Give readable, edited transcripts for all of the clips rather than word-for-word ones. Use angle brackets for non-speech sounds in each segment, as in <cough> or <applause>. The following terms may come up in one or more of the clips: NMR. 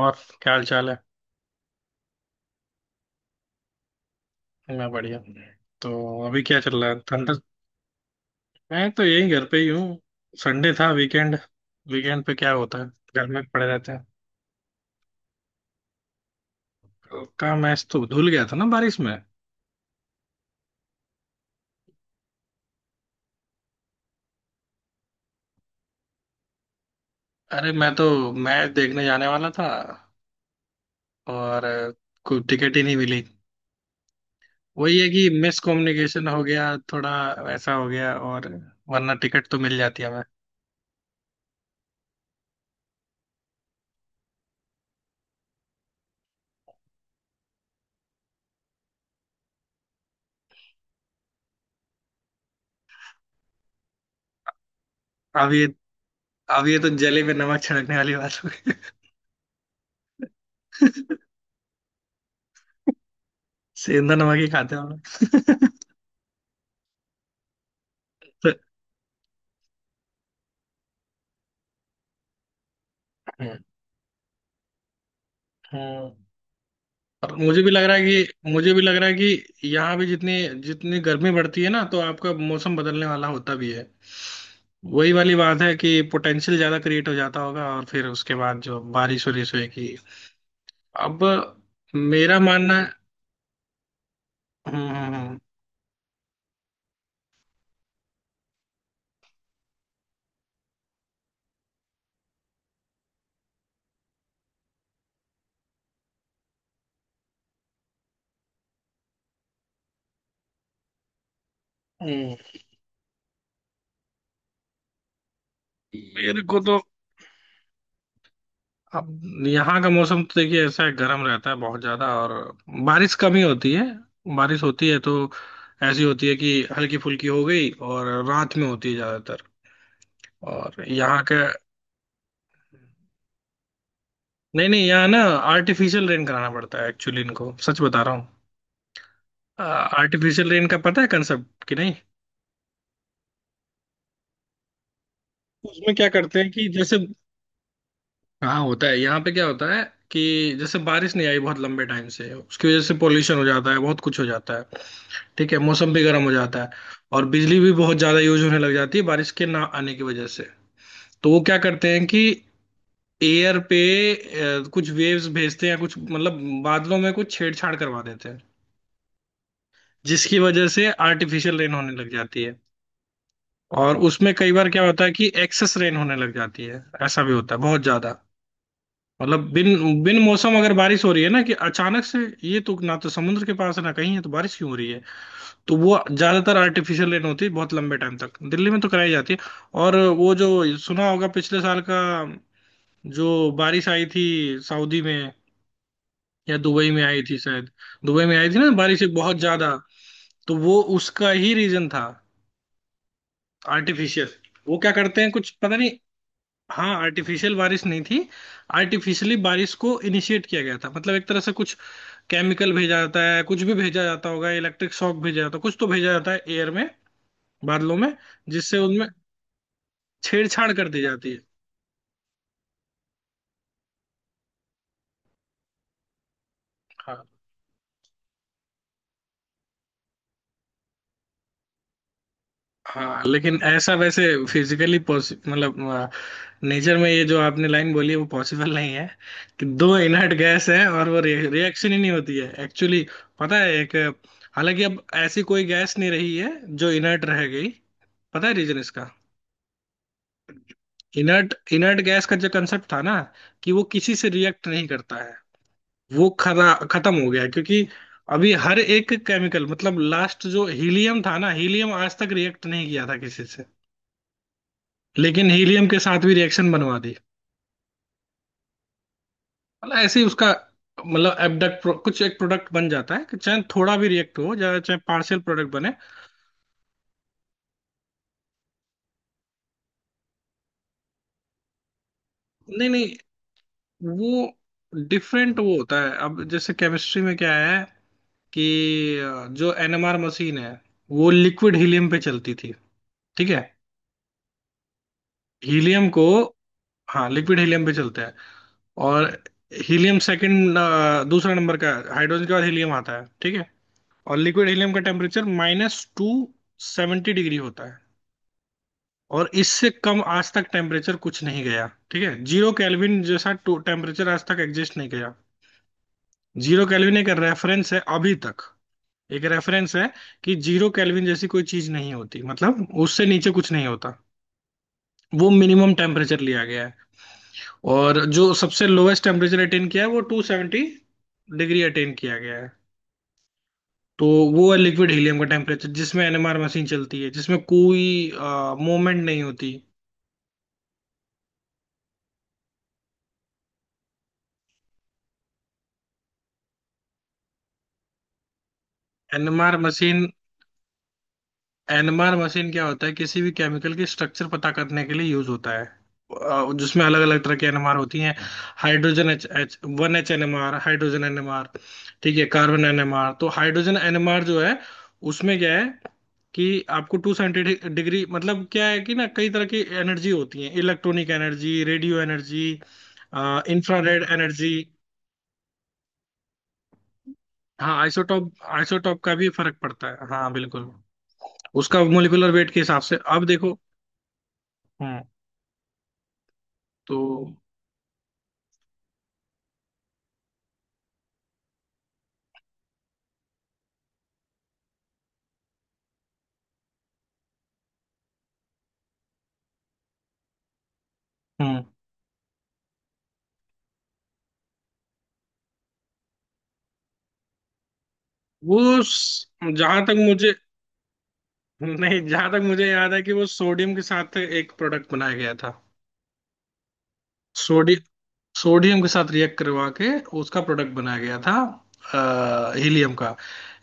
और क्या हाल चाल है? मैं बढ़िया। तो अभी क्या चल रहा है, ठंडा? मैं तो यही घर पे ही हूँ। संडे था, वीकेंड। वीकेंड पे क्या होता है? घर में पड़े रहते हैं। कल का मैच तो धुल गया था ना बारिश में। अरे, मैं तो मैच देखने जाने वाला था, और कोई टिकट ही नहीं मिली। वही है कि मिस कम्युनिकेशन हो गया। थोड़ा वैसा हो गया, और वरना टिकट तो मिल जाती है हमें। अब ये अब ये तो जले में नमक छिड़कने वाली बात हो गई। <laughs> सेंधा नमक ही खाते हैं हम लोग। तो- हम्म। और मुझे भी लग रहा है कि यहाँ भी जितनी जितनी गर्मी बढ़ती है ना, तो आपका मौसम बदलने वाला होता भी है। वही वाली बात है कि पोटेंशियल ज्यादा क्रिएट हो जाता होगा, और फिर उसके बाद जो बारिश वारिश होगी। अब, मेरा मानना है। हम्म, हम्म, हम्म। मेरे को तो अब यहाँ का मौसम तो देखिए ऐसा है, गर्म रहता है बहुत ज्यादा, और बारिश कम ही होती है। बारिश होती है तो ऐसी होती है कि हल्की फुल्की हो गई, और रात में होती है ज्यादातर। और यहाँ का नहीं नहीं, यहाँ ना, आर्टिफिशियल रेन कराना पड़ता है एक्चुअली, इनको सच बता रहा हूँ। आर्टिफिशियल रेन का पता है कंसेप्ट कि नहीं? उसमें क्या करते हैं कि जैसे। हाँ, होता है। यहाँ पे क्या होता है कि जैसे बारिश नहीं आई बहुत लंबे टाइम से, उसकी वजह से पोल्यूशन हो जाता है, बहुत कुछ हो जाता है। ठीक है, मौसम भी गर्म हो जाता है। और बिजली भी बहुत ज्यादा यूज होने लग जाती है बारिश के ना आने की वजह से। तो वो क्या करते हैं कि एयर पे कुछ वेव्स भेजते हैं, या कुछ मतलब बादलों में कुछ छेड़छाड़ करवा देते हैं, जिसकी वजह से आर्टिफिशियल रेन होने लग जाती है। और उसमें कई बार क्या होता है कि एक्सेस रेन होने लग जाती है। ऐसा भी होता है बहुत ज्यादा। मतलब बिन बिन मौसम अगर बारिश हो रही है ना, कि अचानक से, ये तो ना तो समुद्र के पास है, ना कहीं है, तो बारिश क्यों हो रही है? तो वो ज्यादातर आर्टिफिशियल रेन होती है, बहुत लंबे टाइम तक दिल्ली में तो कराई जाती है। और वो जो सुना होगा पिछले साल का, जो बारिश आई थी, सऊदी में या दुबई में आई थी शायद। दुबई में आई थी ना, बारिश एक बहुत ज्यादा। तो वो उसका ही रीजन था, आर्टिफिशियल। वो क्या करते हैं, कुछ पता नहीं। हाँ, आर्टिफिशियल बारिश नहीं थी। आर्टिफिशियली बारिश को इनिशिएट किया गया था, मतलब एक तरह से कुछ केमिकल भेजा जाता है, कुछ भी भेजा जाता होगा, इलेक्ट्रिक शॉक भेजा जाता है, कुछ तो भेजा जाता है एयर में, बादलों में, जिससे उनमें छेड़छाड़ कर दी जाती है। हाँ, लेकिन ऐसा वैसे फिजिकली मतलब नेचर में, ये जो आपने लाइन बोली है, वो पॉसिबल नहीं है कि दो इनर्ट गैस है और वो रिएक्शन ही नहीं होती है एक्चुअली। पता है। एक हालांकि अब ऐसी कोई गैस नहीं रही है जो इनर्ट रह गई। पता है रीजन इसका? इनर्ट इनर्ट गैस का जो कंसेप्ट था ना कि वो किसी से रिएक्ट नहीं करता है, वो खरा खत्म हो गया, क्योंकि अभी हर एक केमिकल, मतलब लास्ट जो हीलियम था ना, हीलियम आज तक रिएक्ट नहीं किया था किसी से, लेकिन हीलियम के साथ भी रिएक्शन बनवा दी। मतलब ऐसे ही उसका, मतलब एबडक्ट कुछ एक प्रोडक्ट बन जाता है, कि चाहे थोड़ा भी रिएक्ट हो या चाहे पार्शियल प्रोडक्ट बने। नहीं नहीं, वो डिफरेंट वो होता है। अब जैसे केमिस्ट्री में क्या है कि जो एनएमआर मशीन है, वो लिक्विड हीलियम पे चलती थी। ठीक है। हीलियम को हाँ, लिक्विड हीलियम पे चलता है। और हीलियम सेकंड, दूसरा नंबर का है। हाइड्रोजन के बाद हीलियम आता है, ठीक है। और लिक्विड हीलियम का टेम्परेचर -270 डिग्री होता है, और इससे कम आज तक टेम्परेचर कुछ नहीं गया, ठीक है। जीरो केल्विन जैसा टेम्परेचर आज तक एग्जिस्ट नहीं गया। जीरो केल्विन एक रेफरेंस है अभी तक, एक रेफरेंस है कि जीरो केल्विन जैसी कोई चीज नहीं होती, मतलब उससे नीचे कुछ नहीं होता। वो मिनिमम टेम्परेचर लिया गया है। और जो सबसे लोएस्ट टेम्परेचर अटेन किया है वो 270 डिग्री अटेन किया गया है। तो वो है लिक्विड हीलियम का टेम्परेचर जिसमें एनएमआर मशीन चलती है, जिसमें कोई मूवमेंट नहीं होती। NMR machine. एनएमआर मशीन क्या होता है? किसी भी केमिकल की स्ट्रक्चर पता करने के लिए यूज होता है जिसमें अलग अलग तरह की एनएमआर होती हैं। Hydrogen H, H 1 H NMR, hydrogen NMR. ठीक है, कार्बन एनएमआर। तो हाइड्रोजन एनएमआर जो है उसमें क्या है कि आपको टू साइंटिफिक डिग्री, मतलब क्या है कि ना कई तरह की एनर्जी होती है, electronic energy, radio energy, infrared energy. हाँ, आइसोटॉप आइसोटॉप का भी फर्क पड़ता है, हाँ बिल्कुल। उसका मोलिकुलर वेट के हिसाब से, अब देखो। तो हम्म वो, जहां तक मुझे, नहीं जहां तक मुझे याद है कि वो सोडियम के साथ एक प्रोडक्ट बनाया गया था। सोडी सोडियम के साथ रिएक्ट करवा के उसका प्रोडक्ट बनाया गया था, हीलियम का।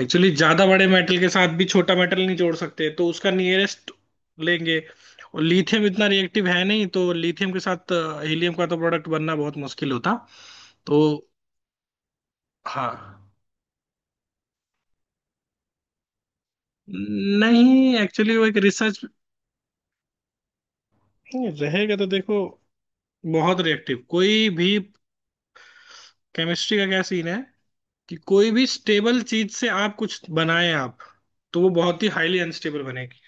एक्चुअली ज्यादा बड़े मेटल के साथ भी छोटा मेटल नहीं जोड़ सकते, तो उसका नियरेस्ट लेंगे। और लिथियम इतना रिएक्टिव है नहीं, तो लिथियम के साथ हीलियम का तो प्रोडक्ट बनना बहुत मुश्किल होता। तो हाँ। नहीं, एक्चुअली वो एक रिसर्च, नहीं रहेगा, तो देखो, बहुत रिएक्टिव कोई भी। केमिस्ट्री का क्या सीन है कि कोई भी स्टेबल चीज से आप कुछ बनाए आप, तो वो बहुत ही हाईली अनस्टेबल बनेगी।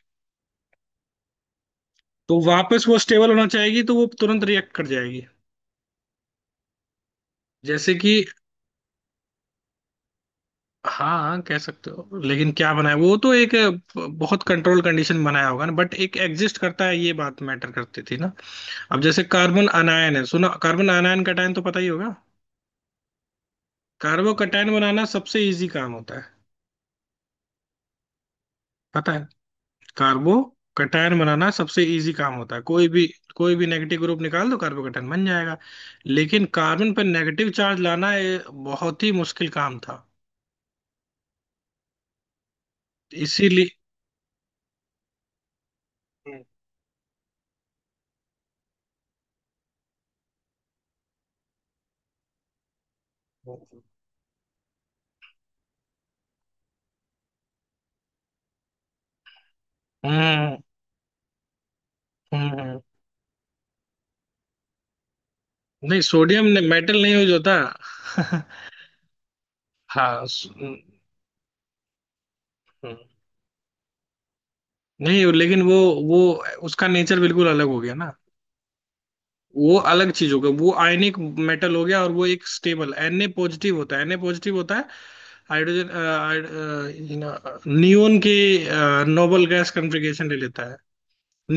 तो वापस वो स्टेबल होना चाहेगी, तो वो तुरंत रिएक्ट कर जाएगी, जैसे कि। हाँ हाँ, कह सकते हो लेकिन क्या बनाया, वो तो एक बहुत कंट्रोल कंडीशन बनाया होगा ना, बट एक एग्जिस्ट करता है, ये बात मैटर करती थी ना। अब जैसे कार्बन अनायन है, सुना? कार्बन अनायन कटायन तो पता ही होगा। कार्बो कटायन बनाना सबसे इजी काम होता है। पता है? कार्बो कटायन बनाना सबसे इजी काम होता है, कोई भी नेगेटिव ग्रुप निकाल दो कार्बो कटायन बन जाएगा। लेकिन कार्बन पर नेगेटिव चार्ज लाना ये बहुत ही मुश्किल काम था, इसीलिए। हम्म, हम्म। हम्म, हम्म। नहीं सोडियम ने मेटल नहीं यूज होता। <laughs> हाँ, हम्म। नहीं लेकिन वो उसका नेचर बिल्कुल अलग हो गया ना। वो अलग चीज होगा, वो आयनिक मेटल हो गया, और वो एक स्टेबल Na पॉजिटिव होता है, Na पॉजिटिव होता है। हाइड्रोजन, नियोन के नोबल गैस कॉन्फ़िगरेशन ले लेता है।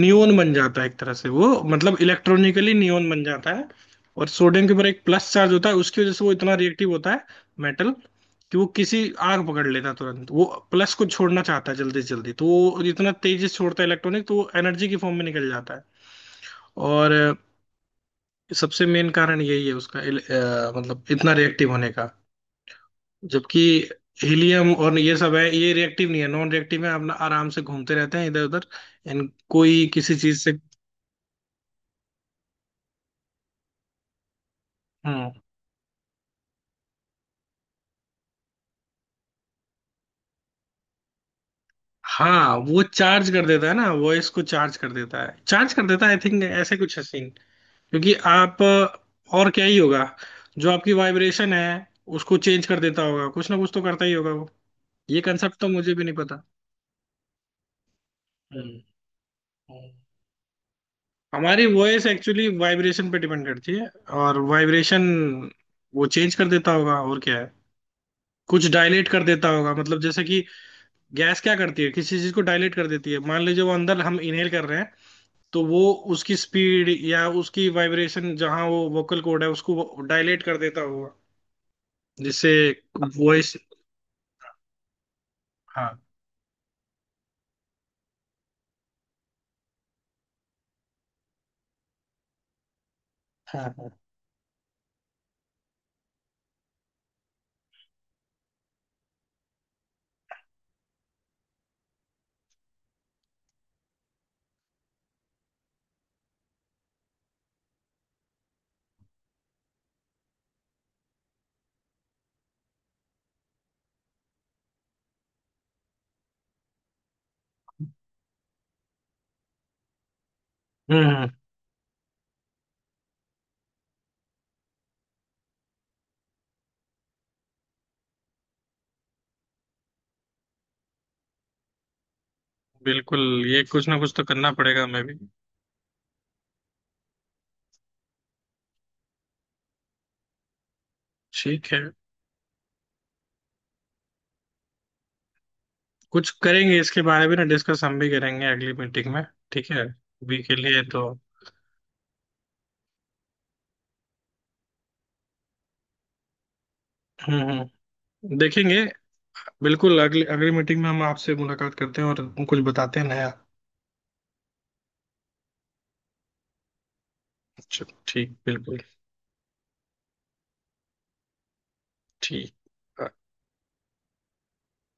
नियोन बन जाता है एक तरह से, वो मतलब इलेक्ट्रॉनिकली नियोन बन जाता है। और सोडियम के ऊपर एक प्लस चार्ज होता है, उसकी वजह से वो इतना रिएक्टिव होता है, मेटल, कि वो किसी, आग पकड़ लेता है तुरंत, वो प्लस को छोड़ना चाहता है जल्दी से जल्दी, तो वो इतना तेजी से छोड़ता है इलेक्ट्रॉनिक, तो वो एनर्जी की फॉर्म में निकल जाता है। और सबसे मेन कारण यही है उसका मतलब इतना रिएक्टिव होने का, जबकि हीलियम और ये सब है, ये रिएक्टिव नहीं है, नॉन रिएक्टिव है, अपना आराम से घूमते रहते हैं इधर उधर, इन कोई किसी चीज से। हम्म। हाँ, वो चार्ज कर देता है ना, वॉइस को चार्ज कर देता है, चार्ज कर देता है, आई थिंक ऐसे कुछ है सीन, क्योंकि और क्या ही होगा, जो आपकी वाइब्रेशन है, उसको चेंज कर देता होगा, कुछ ना कुछ तो करता ही होगा वो। ये कंसेप्ट तो मुझे भी नहीं पता। हम्म। हमारी वॉइस एक्चुअली वाइब्रेशन पे डिपेंड करती है, और वाइब्रेशन वो चेंज कर देता होगा, और क्या है, कुछ डायलेट कर देता होगा, मतलब जैसे कि गैस क्या करती है, किसी चीज को डायलेट कर देती है, मान लीजिए वो अंदर हम इनहेल कर रहे हैं, तो वो उसकी स्पीड या उसकी वाइब्रेशन, जहाँ वो वोकल कॉर्ड है उसको डायलेट कर देता होगा, जिससे वॉइस। हाँ, हाँ, हाँ। हम्म। बिल्कुल, ये कुछ ना कुछ तो करना पड़ेगा हमें भी। ठीक है, कुछ करेंगे इसके बारे में ना, डिस्कस हम भी करेंगे अगली मीटिंग में। ठीक है, अभी के लिए तो। हम्म, हम्म। देखेंगे। बिल्कुल, अगली अगली मीटिंग में हम आपसे मुलाकात करते हैं और कुछ बताते हैं नया। अच्छा ठीक, बिल्कुल ठीक।